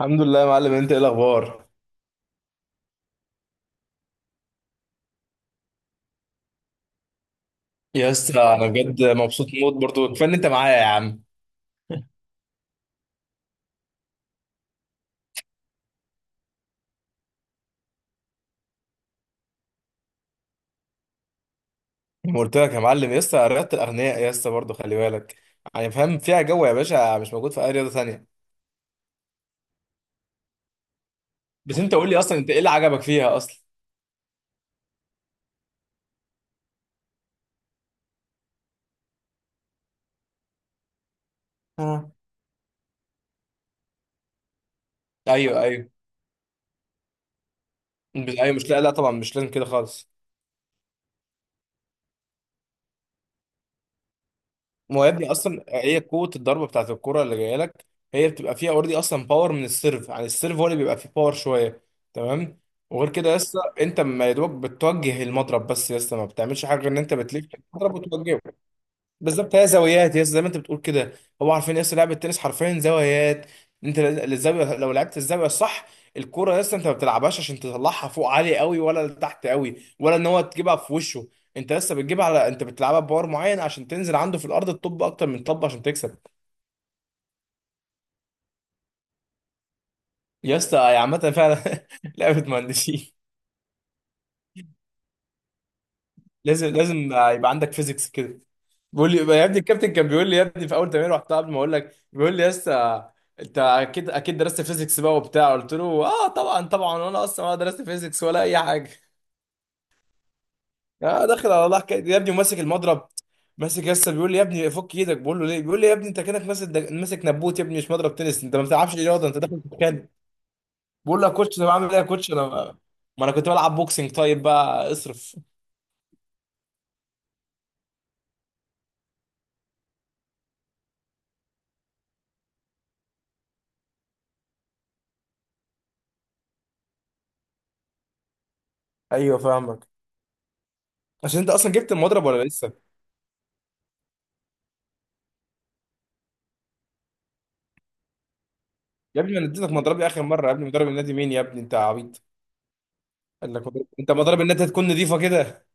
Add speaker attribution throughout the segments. Speaker 1: الحمد لله يا معلم، انت ايه الاخبار؟ يا اسطى انا الحمد بجد مبسوط موت، برضو كفايه ان انت معايا يا عم. ما قلت لك يا معلم، يا اسطى رياضه الاغنياء يا اسطى، برضو خلي بالك. يعني فاهم فيها جو يا باشا مش موجود في اي رياضه ثانيه. بس انت قول لي اصلا، انت ايه اللي عجبك فيها اصلا؟ لله. ايوه. ايوه مش، لا لا طبعا مش لازم كده خالص. ما هو يا ابني اصلا هي قوه الضربه بتاعت الكره اللي جايه لك، هي بتبقى فيها اوريدي اصلا باور من السيرف. يعني السيرف هو اللي بيبقى فيه باور شويه. تمام. وغير كده لسه انت ما يا دوبك بتوجه المضرب، بس لسه ما بتعملش حاجه غير ان انت بتلف المضرب وتوجهه. بالظبط هي زاويات، يا زي ما انت بتقول كده. هو عارفين يا اسطى لعبه التنس حرفيا زوايات. انت الزاويه لو لعبت الزاويه الصح، الكوره يا اسطى انت ما بتلعبهاش عشان تطلعها فوق عالي قوي، ولا لتحت قوي، ولا ان هو تجيبها في وشه. انت لسه بتجيبها على، انت بتلعبها بباور معين عشان تنزل عنده في الارض، الطب اكتر من طب عشان تكسب. يا اسطى، يا عامه فعلا لعبه مهندسين. لازم لازم يبقى عندك فيزيكس كده. بيقول لي يا ابني الكابتن، كان بيقول لي يا ابني في اول تمرين، رحتها قبل ما اقول لك، بيقول لي يا اسطى انت اكيد اكيد درست فيزيكس بقى وبتاع. قلت له اه طبعا طبعا، وانا اصلا ولا درست فيزيكس ولا اي حاجه. اه داخل على الله حكايه يا ابني وماسك المضرب. ماسك يا اسطى، بيقول لي يا ابني فك ايدك. بقول له ليه؟ بيقول لي يا ابني انت كانك ماسك ماسك نبوت يا ابني، مش مضرب تنس. انت ما بتلعبش رياضه، انت داخل تتخانق. بقول له يا كوتش انا بعمل ايه يا كوتش، انا ما انا كنت بلعب بوكسنج، طيب بقى اصرف. ايوه فاهمك. عشان انت اصلا جبت المضرب ولا لسه؟ يا ابني انا اديتك مضربي اخر مره يا ابني، مضرب النادي مين يا ابني، انت عبيط! قال لك انت مضرب النادي هتكون نظيفه كده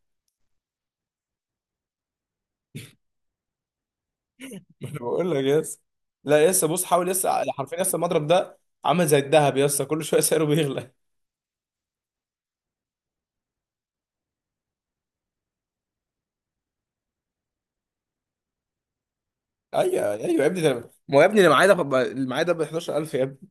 Speaker 1: ما انا بقول لك يس لا يس بص حاول يس حرفيا يس المضرب ده عامل زي الذهب يس كل شويه سعره بيغلى ايوه يا ابني ده، ما هو يا ابني اللي معايا ده اللي معايا ده ب 11,000 يا ابني.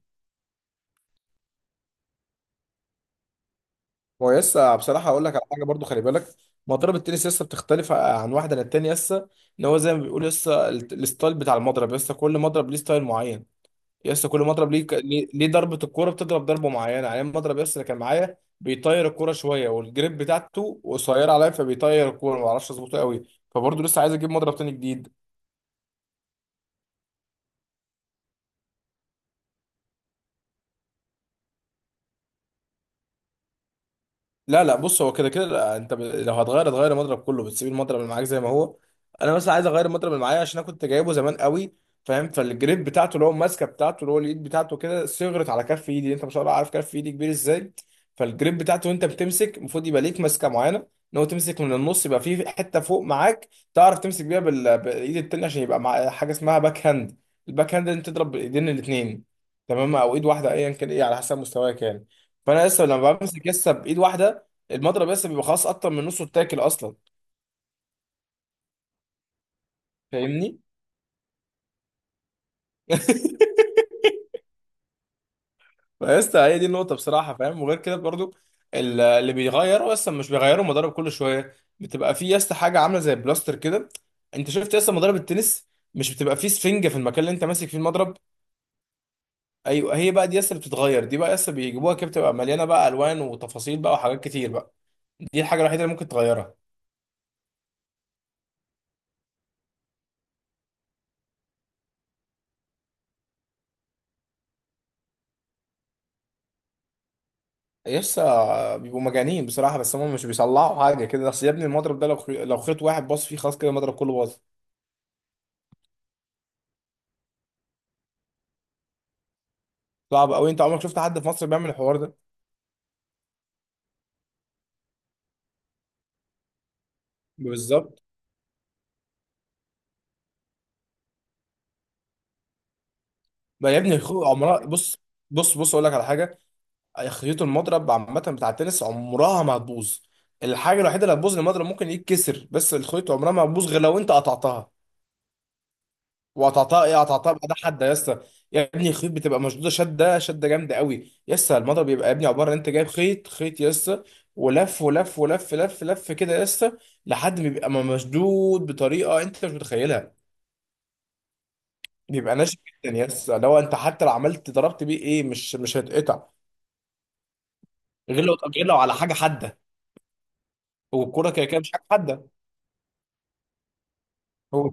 Speaker 1: هو يس بصراحه، اقول لك على حاجه برضو خلي بالك. مضرب التنس يس بتختلف عن واحده للتانيه. يس ان هو زي ما بيقول يس الستايل بتاع المضرب. يس كل مضرب ليه ستايل معين. يا اسطى كل مضرب ليه ضربه الكوره بتضرب ضربه معينه. يعني المضرب يا اسطى اللي كان معايا بيطير الكوره شويه، والجريب بتاعته قصيره عليا، فبيطير الكوره ما اعرفش اظبطه قوي. فبرضه لسه عايز اجيب مضرب تاني جديد. لا لا بص، هو كده كده لا، انت لو هتغير هتغير المضرب كله، بتسيب المضرب اللي معاك زي ما هو. انا مثلا عايز اغير المضرب اللي معايا عشان انا كنت جايبه زمان قوي، فاهم، فالجريب بتاعته اللي هو الماسكه بتاعته اللي هو اليد بتاعته كده صغرت على كف ايدي. انت ما شاء الله عارف كف ايدي كبير ازاي. فالجريب بتاعته، وانت بتمسك المفروض يبقى ليك ماسكه معينه، ان هو تمسك من النص يبقى في حته فوق معاك تعرف تمسك بيها بالايد التانيه، عشان يبقى مع حاجه اسمها باك هاند. الباك هاند انت تضرب بالايدين الاثنين، تمام، او ايد واحده ايا كان ايه، على حسب مستواك يعني. فانا لسه لما بمسك لسه بايد واحده المضرب، بس بيبقى خلاص اكتر من نصه اتاكل اصلا. فاهمني. بس هي دي النقطة بصراحة، فاهم. وغير كده برضو اللي بيغيروا اصلا، مش بيغيروا مضارب، كل شوية بتبقى في يس عاملة عاملة زي بلاستر كده. انت شفت يس مضارب التنس مش بتبقى فيه سفنجة في المكان اللي انت ماسك فيه المضرب؟ ايوه، هي بقى دي يس اللي بتتغير دي بقى. يس بيجيبوها كده بتبقى مليانة بقى الوان وتفاصيل بقى وحاجات كتير بقى. دي الحاجة الوحيدة اللي ممكن تغيرها. يسا بيبقوا مجانين بصراحة، بس هم مش بيصلحوا حاجة كده. بس يا ابني المضرب ده لو لو خيط واحد باص فيه، خلاص كده المضرب كله باظ. صعب قوي، انت عمرك شفت حد في مصر بيعمل الحوار ده؟ بالظبط. ما يا ابني عمرها، بص، بص اقول لك على حاجة. خيوط المضرب عامة بتاع التنس عمرها ما هتبوظ. الحاجة الوحيدة اللي هتبوظ المضرب ممكن يتكسر، بس الخيط عمرها ما هتبوظ غير لو انت قطعتها. وقطعتها ايه؟ قطعتها بعدها حده يا اسطى. يا ابني الخيوط بتبقى مشدوده شده شده جامده قوي يا اسطى. الموضوع بيبقى يا ابني عباره ان انت جايب خيط خيط يا اسطى، ولف ولف ولف لف لف كده يا اسطى، لحد ما بيبقى مشدود بطريقه انت مش متخيلها. بيبقى ناشف جدا يا اسطى، لو انت حتى لو عملت ضربت بيه ايه مش هيتقطع، غير لو، غير لو على حاجه حاده. والكوره كده كده مش حاجه حاده. هو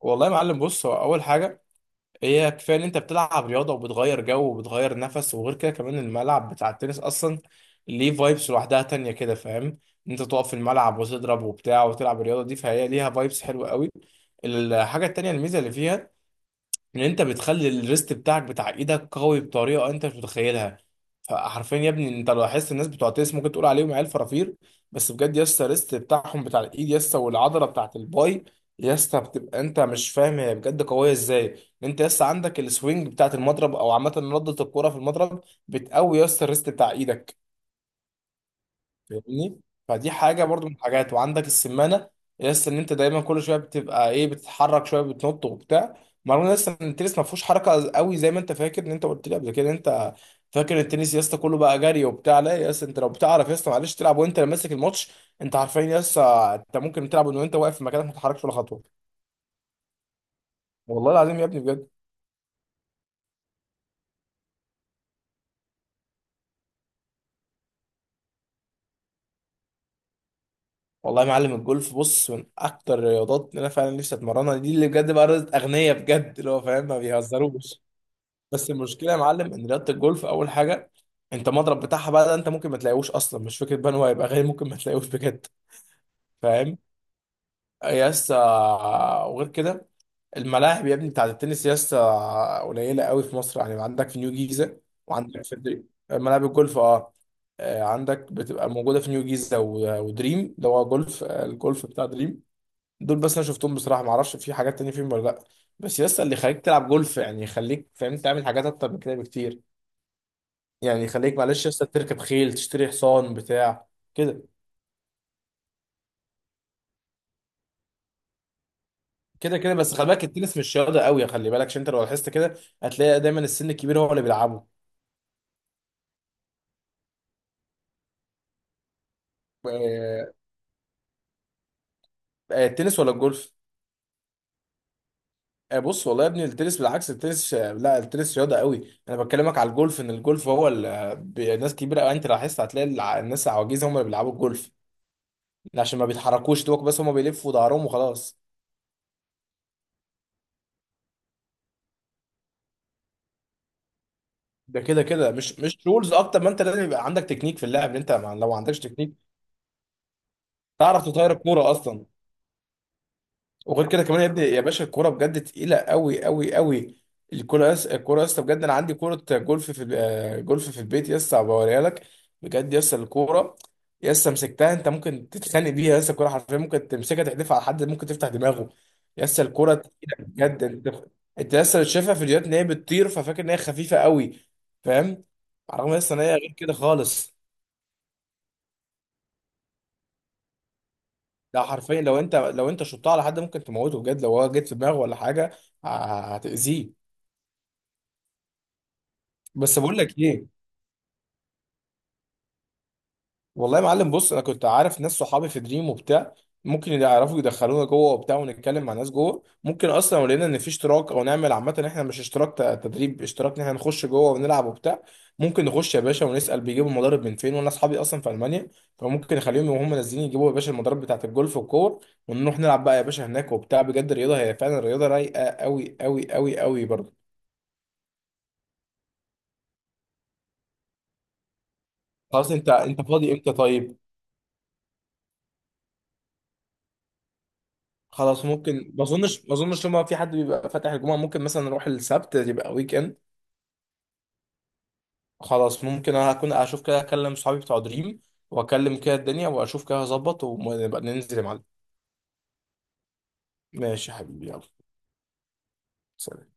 Speaker 1: والله يا معلم بص، هو اول حاجه هي كفايه ان انت بتلعب رياضه، وبتغير جو، وبتغير نفس. وغير كده كمان الملعب بتاع التنس اصلا ليه فايبس لوحدها تانية كده، فاهم، ان انت تقف في الملعب وتضرب وبتاع وتلعب الرياضه دي، فهي ليها فايبس حلوه قوي. الحاجه التانية الميزه اللي فيها ان انت بتخلي الريست بتاعك بتاع ايدك قوي بطريقه انت مش متخيلها. فحرفيا يا ابني انت لو لاحظت الناس بتوع التنس ممكن تقول عليهم عيال فرافير، بس بجد يا اسطى الريست بتاعهم بتاع الايد يا اسطى، والعضله بتاعت الباي يا اسطى، بتبقى انت مش فاهم هي بجد قويه ازاي. انت يا اسطى عندك السوينج بتاعت المضرب، او عامه ردة الكوره في المضرب بتقوي يا اسطى الريست بتاع ايدك. فاهمني. فدي حاجه برضو من الحاجات، وعندك السمانه لسه ان انت دايما كل شويه بتبقى ايه بتتحرك شويه بتنط وبتاع. مرة لسه ان التنس ما فيهوش حركه قوي زي ما انت فاكر ان انت قلت لي قبل كده، إن انت فاكر التنس يا اسطى كله بقى جري وبتاع. لا يا اسطى، انت لو بتعرف يا اسطى معلش تلعب وانت اللي ماسك الماتش، انت عارفين يا اسطى، انت ممكن تلعب وانت واقف في مكانك ما تتحركش ولا خطوه. والله العظيم يا ابني بجد. والله يا معلم الجولف بص من اكتر الرياضات اللي انا فعلا نفسي اتمرنها، دي اللي بجد بقى رياضه اغنياء بجد، اللي هو فاهم ما بيهزروش. بس المشكله يا معلم ان رياضه الجولف اول حاجه، انت المضرب بتاعها بقى ده انت ممكن ما تلاقيهوش اصلا. مش فكره بان هو هيبقى غالي، ممكن ما تلاقيهوش بجد. فاهم. يس وغير كده الملاعب يا ابني بتاعت التنس يس قليله قوي في مصر. يعني عندك في نيو جيزه، وعندك في دريم ملاعب الجولف اه. عندك بتبقى موجوده في نيو جيزه ودريم اللي هو جولف، الجولف بتاع دريم. دول بس انا شفتهم بصراحه، ما اعرفش في حاجات تانية فيهم ولا لا. بس يس اللي يخليك تلعب جولف يعني يخليك فاهم تعمل حاجات اكتر من كده بكتير. يعني خليك معلش لسه تركب خيل، تشتري حصان بتاع كده. كده كده بس خلي بالك، التنس مش رياضه قوي. خلي بالك عشان انت لو لاحظت كده هتلاقي دايما السن الكبير هو اللي بيلعبه. آه، التنس ولا الجولف؟ بص والله يا ابني التنس بالعكس، التنس لا التنس رياضه قوي، انا بكلمك على الجولف ان الجولف هو ناس كبيره قوي. انت لاحظت هتلاقي الناس العواجيز هم اللي بيلعبوا الجولف، عشان ما بيتحركوش دوك، بس هم بيلفوا ظهرهم وخلاص. ده كده كده مش رولز، اكتر ما انت لازم يبقى عندك تكنيك في اللعب. انت لو ما عندكش تكنيك تعرف تطير الكوره اصلا. وغير كده كمان يا ابني يا باشا الكوره بجد تقيله قوي قوي قوي. الكوره يا اسطى بجد، انا عندي كوره جولف في جولف في البيت يا اسطى، بوريها لك. بجد يا اسطى الكوره يا اسطى مسكتها، انت ممكن تتخانق بيها يا اسطى. الكوره حرفيا ممكن تمسكها تحدفها على حد ممكن تفتح دماغه. يا اسطى الكوره تقيله بجد. انت، انت يا اسطى شايفها في فيديوهات ان هي بتطير ففاكر ان هي خفيفه قوي، فاهم، رغم يا اسطى ان هي غير كده خالص. ده حرفيا لو انت، لو انت شطها على حد ممكن تموته بجد، لو هو جيت في دماغه ولا حاجه ه- هتأذيه. بس بقول لك ايه، والله يا معلم بص انا كنت عارف ناس صحابي في دريم وبتاع، ممكن يعرفوا يدخلونا جوه وبتاع ونتكلم مع ناس جوه. ممكن اصلا لو لقينا ان في اشتراك، او نعمل عامه إن احنا مش اشتراك تدريب، اشتراك ان احنا نخش جوه ونلعب وبتاع. ممكن نخش يا باشا ونسال بيجيبوا المضارب من فين، وانا اصحابي اصلا في المانيا، فممكن نخليهم وهم نازلين يجيبوا يا باشا المضارب بتاعت الجولف والكور، ونروح نلعب بقى يا باشا هناك وبتاع. بجد الرياضه هي فعلا الرياضه رايقه قوي قوي قوي قوي برضه. خلاص، انت انت فاضي امتى طيب؟ خلاص ممكن، ما اظنش ما اظنش لما في حد بيبقى فاتح الجمعه، ممكن مثلا نروح السبت يبقى ويك اند. خلاص ممكن انا هكون اشوف كده، اكلم صحابي بتوع دريم واكلم كده الدنيا واشوف كده هظبط، ونبقى ننزل يا معلم. ماشي يا حبيبي، يلا سلام.